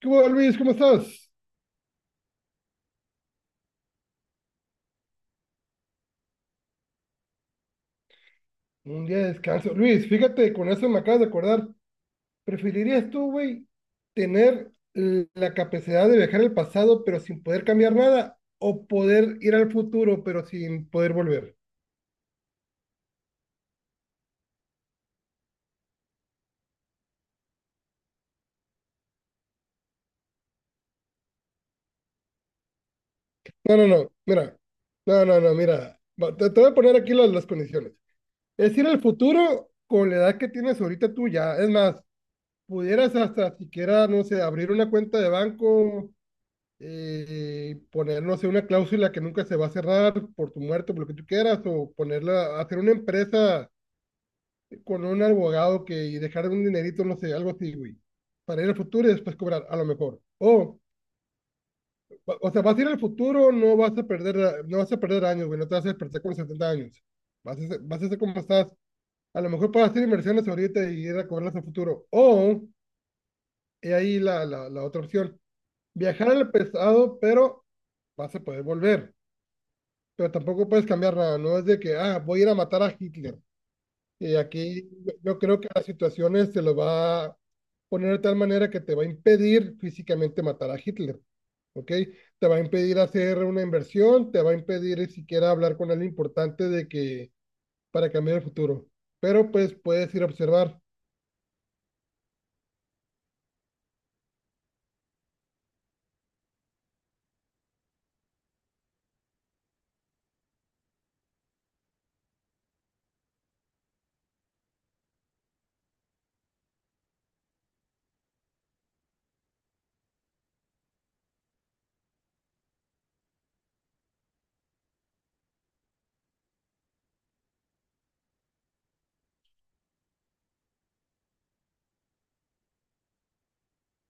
¿Qué hubo, Luis? ¿Cómo estás? Un día de descanso. Luis, fíjate, con eso me acabas de acordar. ¿Preferirías tú, güey, tener la capacidad de viajar al pasado pero sin poder cambiar nada? ¿O poder ir al futuro pero sin poder volver? No, no, no, mira. No, no, no, mira. Va, te voy a poner aquí las condiciones. Es ir al futuro con la edad que tienes ahorita tú ya. Es más, pudieras hasta siquiera, no sé, abrir una cuenta de banco, poner, no sé, una cláusula que nunca se va a cerrar por tu muerte, por lo que tú quieras, o ponerla, hacer una empresa con un abogado que, y dejar un dinerito, no sé, algo así, güey, para ir al futuro y después cobrar, a lo mejor. O sea, vas a ir al futuro, no vas a perder, no vas a perder años, güey, no te vas a despertar con 70 años. Vas a ser como estás. A lo mejor puedes hacer inversiones ahorita y ir a cobrarlas al futuro. O, he ahí la otra opción, viajar al pasado, pero vas a poder volver. Pero tampoco puedes cambiar nada, no es de que, ah, voy a ir a matar a Hitler. Y aquí yo creo que las situaciones se lo va a poner de tal manera que te va a impedir físicamente matar a Hitler, ¿ok? Te va a impedir hacer una inversión, te va a impedir siquiera hablar con alguien importante de que para cambiar el futuro. Pero pues puedes ir a observar.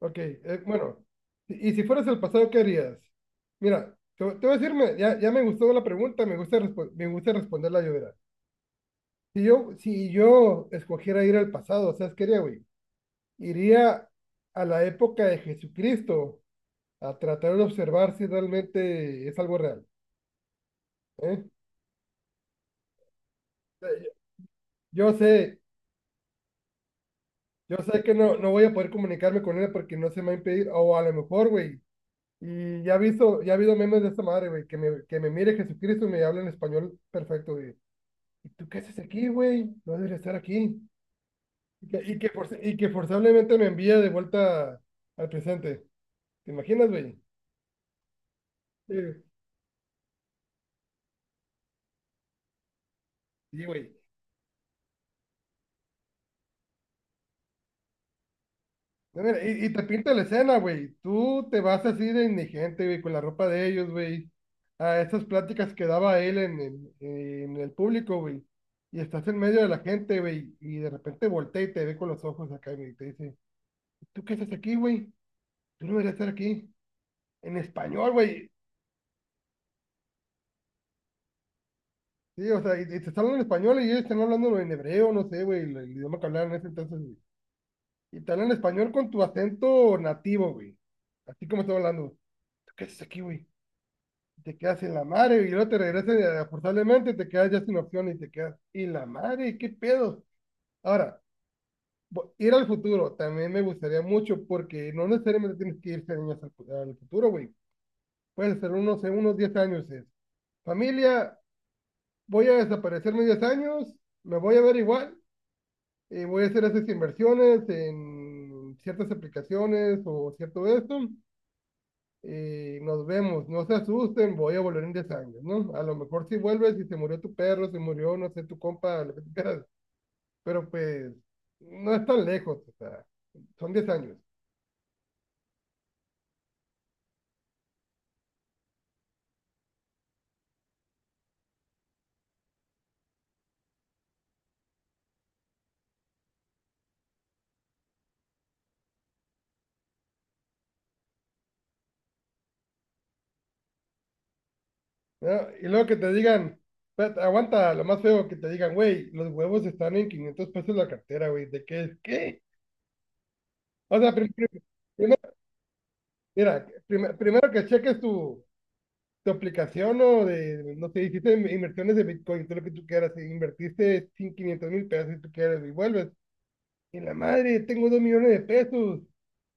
Ok, bueno, y si fueras el pasado, ¿qué harías? Mira, te voy a decirme, ya me gustó la pregunta, me gusta, me gusta responderla yo. Si yo, si yo escogiera ir al pasado, ¿sabes qué haría, güey? Iría a la época de Jesucristo a tratar de observar si realmente es algo real, ¿eh? O sea, yo sé, yo sé que no, no voy a poder comunicarme con él porque no se me va a impedir, o a lo mejor, güey, y ya he visto, ya ha habido memes de esta madre, güey, que me mire Jesucristo y me hable en español perfecto, güey. ¿Y tú qué haces aquí, güey? No debería estar aquí. Y que forzablemente me envía de vuelta al presente. ¿Te imaginas, güey? Sí, sí, güey. No, mira. Y te pinta la escena, güey. Tú te vas así de indigente, güey, con la ropa de ellos, güey. A esas pláticas que daba él en el público, güey. Y estás en medio de la gente, güey. Y de repente voltea y te ve con los ojos acá, güey. Y te dice, ¿tú qué haces aquí, güey? Tú no deberías estar aquí. En español, güey. Sí, o sea, y te están hablando en español y ellos están hablando en hebreo, no sé, güey, el idioma que hablaban en ese entonces, güey. Y te hablan en español con tu acento nativo, güey. Así como estoy hablando. ¿Tú qué haces aquí, güey? Te quedas en la madre y luego te regresas forzablemente, te quedas ya sin opción y te quedas y la madre, qué pedo. Ahora, ir al futuro también me gustaría mucho porque no necesariamente tienes que irse años al futuro, güey. Puede ser unos 10 años. Es, familia, voy a desaparecerme 10 años, me voy a ver igual y voy a hacer esas inversiones en ciertas aplicaciones o cierto esto y nos vemos. No se asusten, voy a volver en 10 años, ¿no? A lo mejor si vuelves y se murió tu perro, se murió, no sé, tu compa, lo que tú quieras, pero pues no es tan lejos, o sea, son 10 años, ¿no? Y luego que te digan, espérate, aguanta, lo más feo que te digan, güey, los huevos están en 500 pesos la cartera, güey, ¿de qué es? ¿Qué? O sea, primero, mira, primero que cheques tu... tu aplicación o de, no sé, hiciste inversiones de Bitcoin, todo lo que tú quieras, e invertiste 500,000 pesos si tú quieres y vuelves. Y la madre, tengo 2 millones de pesos.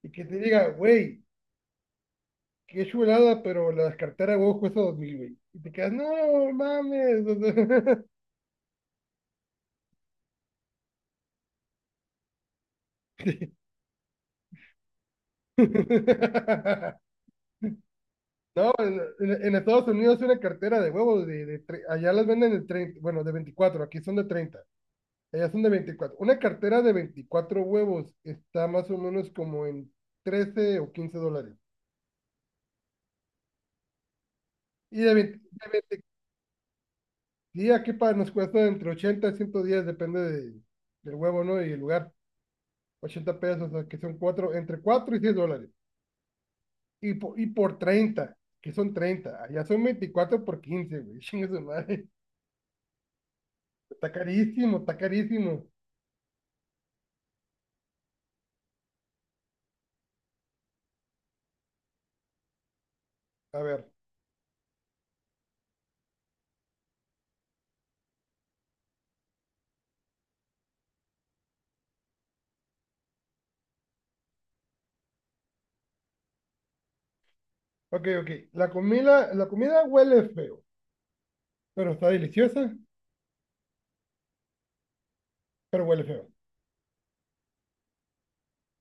Y que te diga, güey, qué chulada, pero la cartera, güey, cuesta 2000, güey. Y te quedas, no, mames. O sea, sí. No, en Estados Unidos una cartera de huevos, allá las venden de 30, bueno, de 24, aquí son de 30, allá son de 24. Una cartera de 24 huevos está más o menos como en 13 o 15 dólares. Y de, 20. Sí, aquí para nos cuesta entre 80 y 110, depende del huevo, ¿no? Y el lugar. 80 pesos, o sea, que son cuatro, entre 4 y $6. Y, y por 30, que son 30. Allá son 24 por 15, güey. Chingue su madre. Está carísimo, está carísimo. A ver, ok, ok. La comida huele feo, pero está deliciosa, pero huele feo.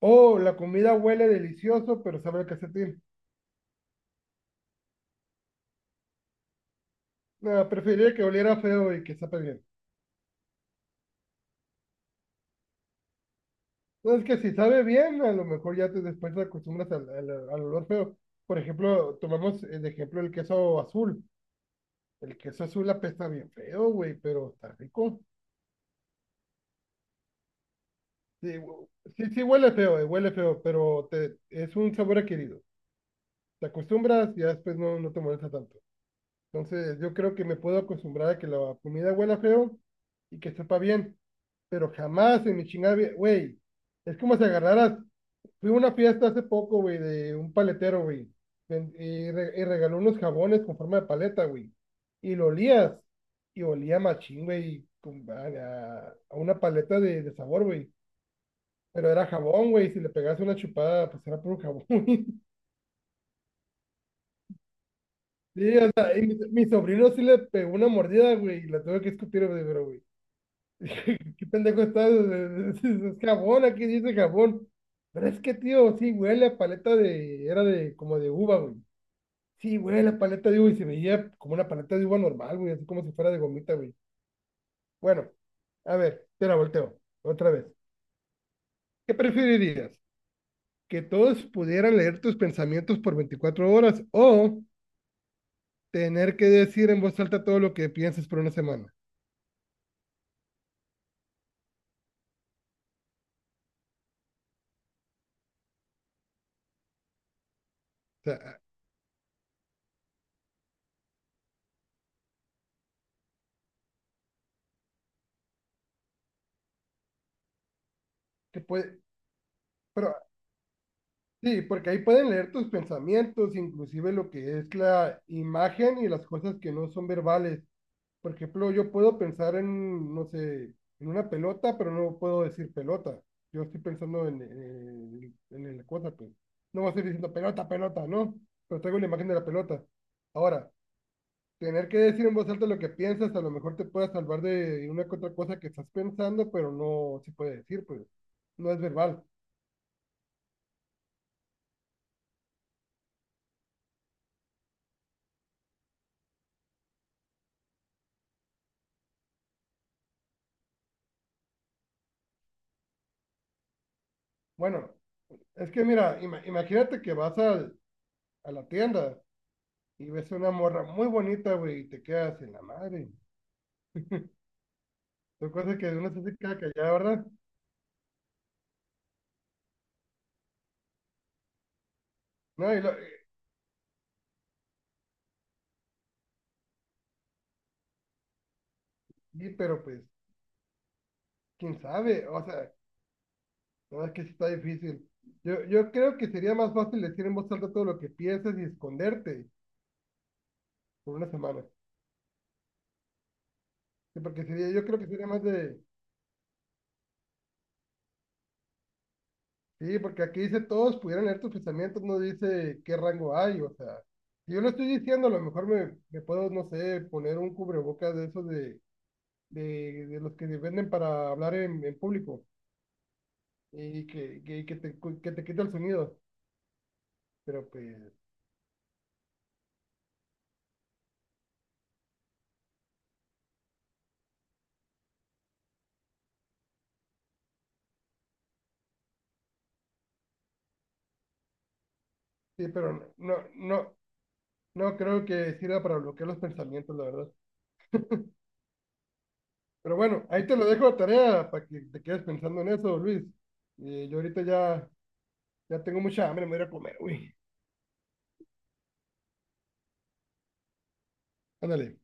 O la comida huele delicioso, pero sabe a calcetín. No, preferiría que oliera feo y que sepa bien. No, es que si sabe bien, a lo mejor ya te después te acostumbras al olor feo. Por ejemplo, tomamos el ejemplo el queso azul. El queso azul apesta bien feo, güey, pero está rico. Sí, sí, sí huele feo, pero te, es un sabor adquirido. Te acostumbras y ya después no, no te molesta tanto. Entonces, yo creo que me puedo acostumbrar a que la comida huela feo y que sepa bien, pero jamás en mi chingada, güey, es como si agarraras. Fui a una fiesta hace poco, güey, de un paletero, güey. Y, y regaló unos jabones con forma de paleta, güey. Y lo olías. Y olía machín, güey, a, a una paleta de sabor, güey. Pero era jabón, güey. Si le pegas una chupada, pues era puro jabón, güey. Sí, o sea, y mi sobrino sí le pegó una mordida, güey. Y la tuve que escupir, güey, pero, güey. ¿Qué pendejo estás? Es, es jabón, aquí dice jabón. Pero es que, tío, sí huele a paleta de... Era de como de uva, güey. Sí, güey, la paleta de uva y se veía como una paleta de uva normal, güey, así como si fuera de gomita, güey. Bueno, a ver, te la volteo otra vez. ¿Qué preferirías? ¿Que todos pudieran leer tus pensamientos por 24 horas o tener que decir en voz alta todo lo que piensas por una semana? O sea, que puede, pero sí, porque ahí pueden leer tus pensamientos, inclusive lo que es la imagen y las cosas que no son verbales. Por ejemplo, yo puedo pensar en, no sé, en una pelota, pero no puedo decir pelota. Yo estoy pensando en la cosa, pues. No voy a estar diciendo pelota, pelota, ¿no? Pero traigo la imagen de la pelota. Ahora, tener que decir en voz alta lo que piensas, a lo mejor te pueda salvar de una que otra cosa que estás pensando, pero no se puede decir, pues. No es verbal. Bueno, es que mira, imagínate que vas a la tienda y ves una morra muy bonita, güey, y te quedas en la madre. Son cosas que uno se queda callado, ¿verdad? No, pero pues, quién sabe, o sea, no es que sí está difícil. Yo creo que sería más fácil decir en voz alta todo lo que piensas y esconderte por una semana. Sí, porque sería, yo creo que sería más de, sí, porque aquí dice todos pudieran leer tus pensamientos, no dice qué rango hay, o sea, si yo lo estoy diciendo, a lo mejor me puedo, no sé, poner un cubrebocas de esos de, de los que venden para hablar en público y que te, que te quita el sonido, pero pues, sí, pero no, no. No creo que sirva para bloquear los pensamientos, la verdad. Pero bueno, ahí te lo dejo a tarea para que te quedes pensando en eso, Luis. Yo ahorita ya tengo mucha hambre, me voy a ir a comer, güey. Ándale.